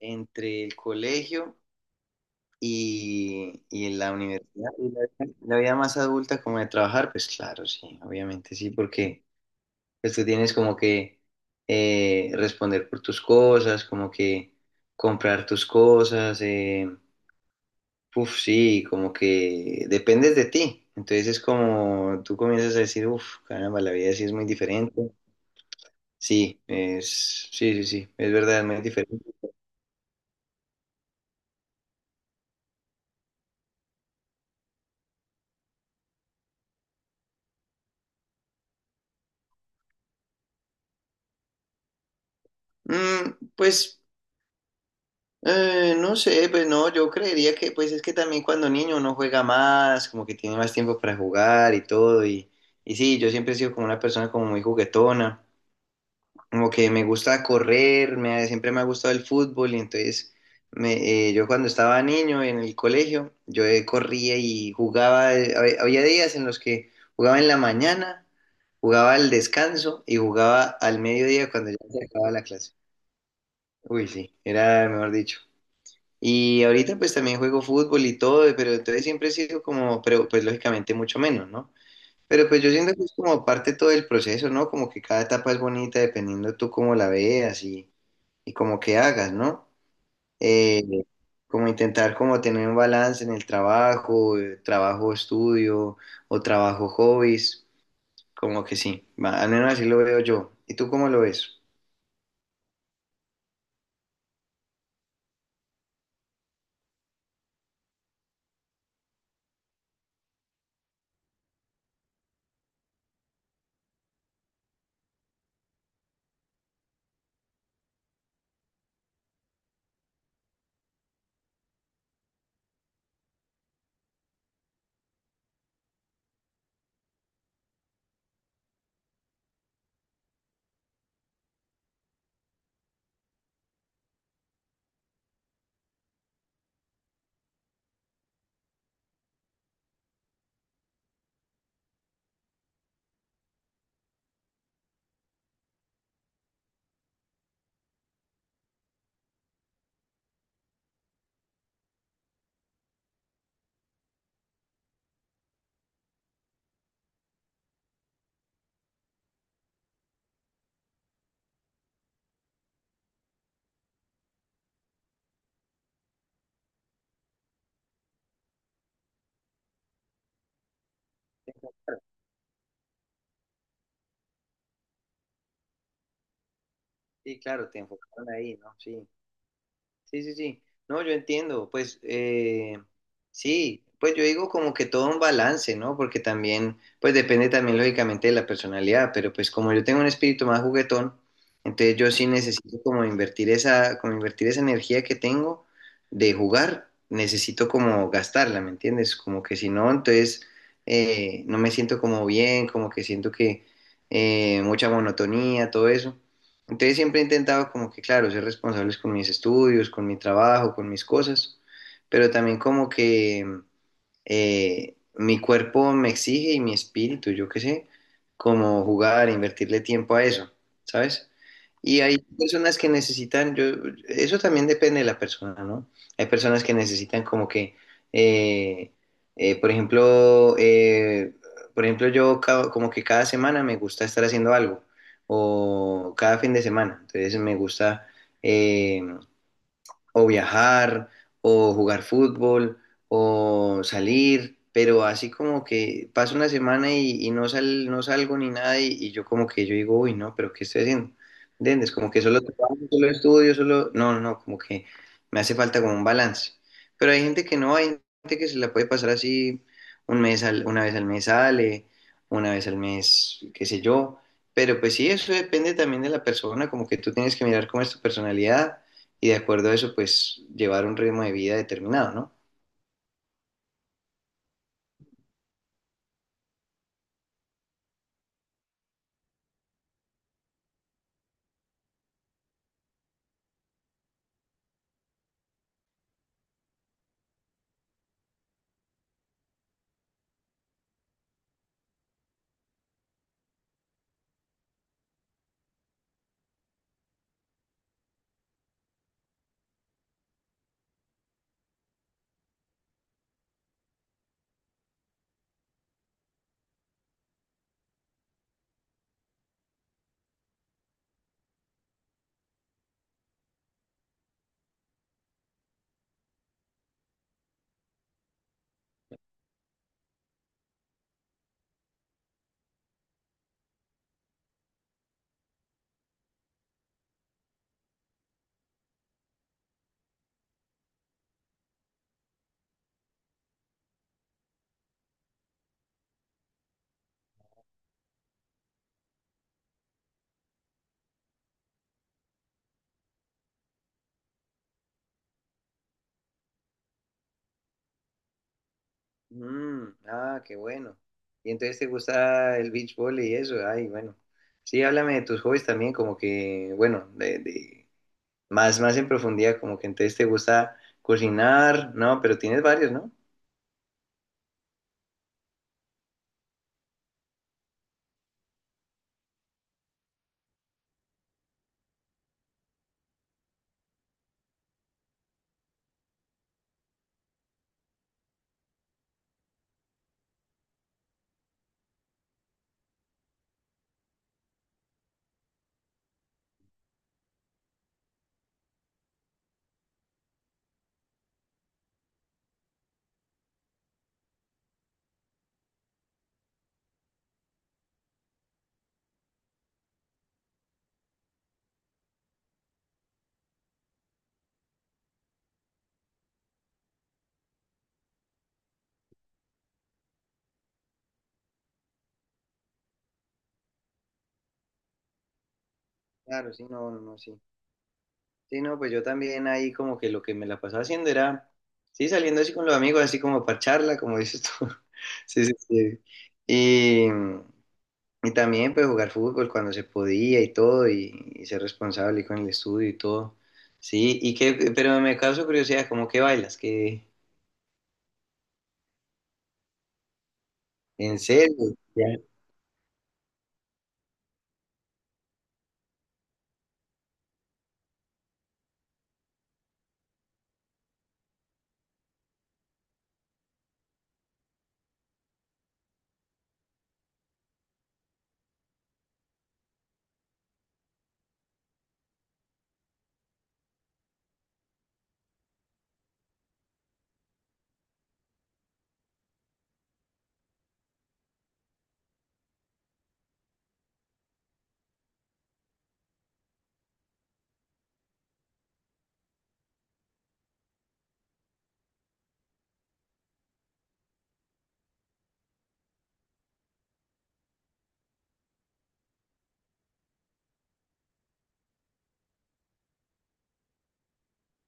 Entre el colegio y la universidad y la vida más adulta como de trabajar, pues claro, sí, obviamente sí, porque pues, tú tienes como que responder por tus cosas, como que comprar tus cosas, uf, sí, como que dependes de ti. Entonces es como tú comienzas a decir, uff, caramba, la vida sí es muy diferente. Sí, es, sí, sí, sí, es verdad, es muy diferente. Mm, pues no sé, pues no, yo creería que pues es que también cuando niño uno juega más, como que tiene más tiempo para jugar y todo, y sí, yo siempre he sido como una persona como muy juguetona, como que me gusta correr, siempre me ha gustado el fútbol, y entonces yo cuando estaba niño en el colegio, yo corría y jugaba, había días en los que jugaba en la mañana, jugaba al descanso y jugaba al mediodía cuando ya se acababa la clase. Uy, sí, era mejor dicho. Y ahorita pues también juego fútbol y todo, pero entonces siempre he sido como, pero pues lógicamente mucho menos, ¿no? Pero pues yo siento que es como parte todo del proceso, ¿no? Como que cada etapa es bonita dependiendo tú cómo la veas y como que hagas, ¿no? Eh, Como intentar como tener un balance en el trabajo, trabajo estudio o trabajo hobbies, como que sí, va, al menos así lo veo yo. ¿Y tú cómo lo ves? Sí, claro, te enfocaron ahí, ¿no? Sí. Sí, sí, sí. No, yo entiendo. Pues sí, pues yo digo como que todo un balance, ¿no? Porque también, pues depende también lógicamente de la personalidad, pero pues como yo tengo un espíritu más juguetón, entonces yo sí necesito como invertir esa energía que tengo de jugar, necesito como gastarla, ¿me entiendes? Como que si no, entonces no me siento como bien, como que siento que mucha monotonía, todo eso. Entonces siempre he intentado como que, claro, ser responsables con mis estudios, con mi trabajo, con mis cosas, pero también como que mi cuerpo me exige y mi espíritu, yo qué sé, como jugar, invertirle tiempo a eso, ¿sabes? Y hay personas que necesitan, yo, eso también depende de la persona, ¿no? Hay personas que necesitan como que, eh, eh, por ejemplo, eh, por ejemplo, como que cada semana me gusta estar haciendo algo, o cada fin de semana, entonces me gusta eh, o viajar, o jugar fútbol, o salir, pero así como que pasa una semana y no salgo ni nada, y yo como que yo digo, uy, no, pero ¿qué estoy haciendo? ¿Entiendes? Como que solo trabajo, solo estudio, solo... No, no, no, como que me hace falta como un balance. Pero hay gente que no, hay gente que se la puede pasar así un una vez al mes sale, una vez al mes, qué sé yo. Pero pues sí, eso depende también de la persona, como que tú tienes que mirar cómo es tu personalidad y de acuerdo a eso, pues llevar un ritmo de vida determinado, ¿no? Mm, ah, qué bueno. Y entonces te gusta el beach volley y eso, ay, bueno. Sí, háblame de tus hobbies también, como que, bueno, más, más en profundidad, como que entonces te gusta cocinar, ¿no? Pero tienes varios, ¿no? Claro, sí, no, no, no, sí. Sí, no, pues yo también ahí como que lo que me la pasaba haciendo era, sí, saliendo así con los amigos, así como para charla, como dices tú. Sí, sí, sí. Y también pues jugar fútbol cuando se podía y todo, y ser responsable con el estudio y todo. Sí, y que, pero me causa curiosidad, ¿cómo que bailas? ¿Que en serio? Ya.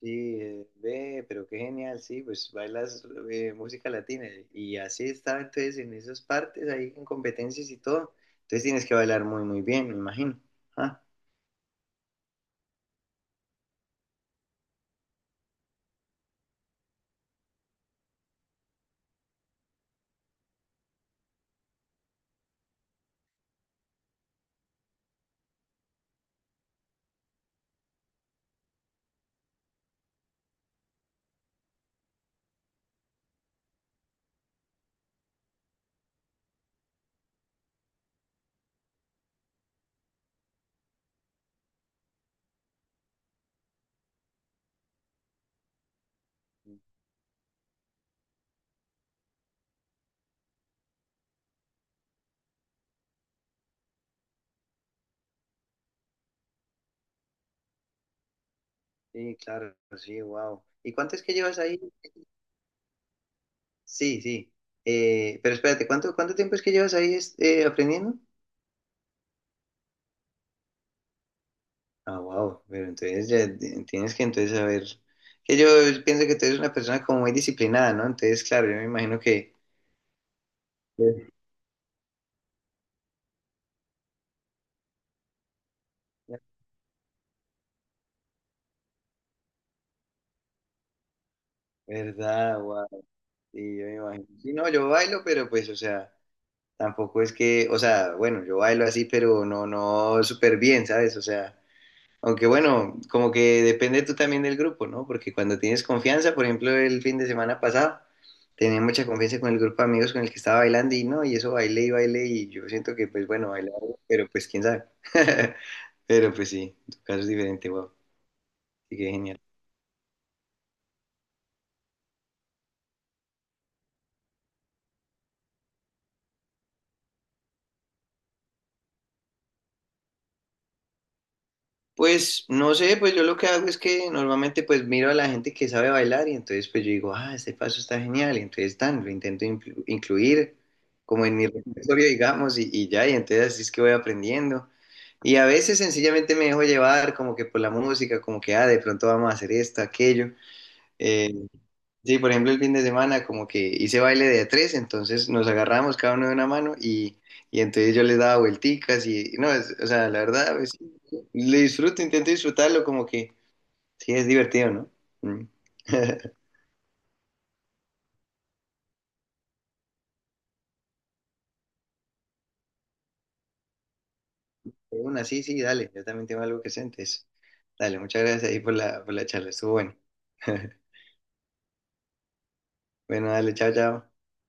Sí, ve, pero qué genial, sí, pues bailas música latina. Y así estaba entonces en esas partes, ahí en competencias y todo. Entonces tienes que bailar muy, muy bien, me imagino. Ah, sí, claro, sí, wow. ¿Y cuánto es que llevas ahí? Sí, sí. Pero espérate, ¿cuánto, cuánto tiempo es que llevas ahí aprendiendo? Ah, wow, pero entonces ya tienes que entonces saber, que yo pienso que tú eres una persona como muy disciplinada, ¿no? Entonces, claro, yo me imagino que... Sí. ¿Verdad? Wow, sí, yo me imagino. Sí, no, yo bailo, pero pues, o sea, tampoco es que, o sea, bueno, yo bailo así, pero no, no súper bien, ¿sabes? O sea, aunque bueno, como que depende tú también del grupo, ¿no? Porque cuando tienes confianza, por ejemplo, el fin de semana pasado, tenía mucha confianza con el grupo de amigos con el que estaba bailando y no, y eso bailé y bailé y yo siento que pues bueno, bailar, pero pues quién sabe. Pero pues sí, en tu caso es diferente, wow. Así que genial. Pues no sé, pues yo lo que hago es que normalmente pues miro a la gente que sabe bailar y entonces pues yo digo, ah, este paso está genial y entonces tan, lo intento incluir como en mi repertorio, digamos, y ya, y entonces así es que voy aprendiendo. Y a veces sencillamente me dejo llevar como que por la música, como que, ah, de pronto vamos a hacer esto, aquello. eh, Sí, por ejemplo, el fin de semana como que hice baile de a tres, entonces nos agarramos cada uno de una mano y entonces yo les daba vuelticas y no, o sea, la verdad, pues, le disfruto, intento disfrutarlo como que sí es divertido, ¿no? Mm. De una, sí, sí, dale, yo también tengo algo que sientes. Dale, muchas gracias ahí por por la charla, estuvo bueno. Bueno, dale, chao, chao.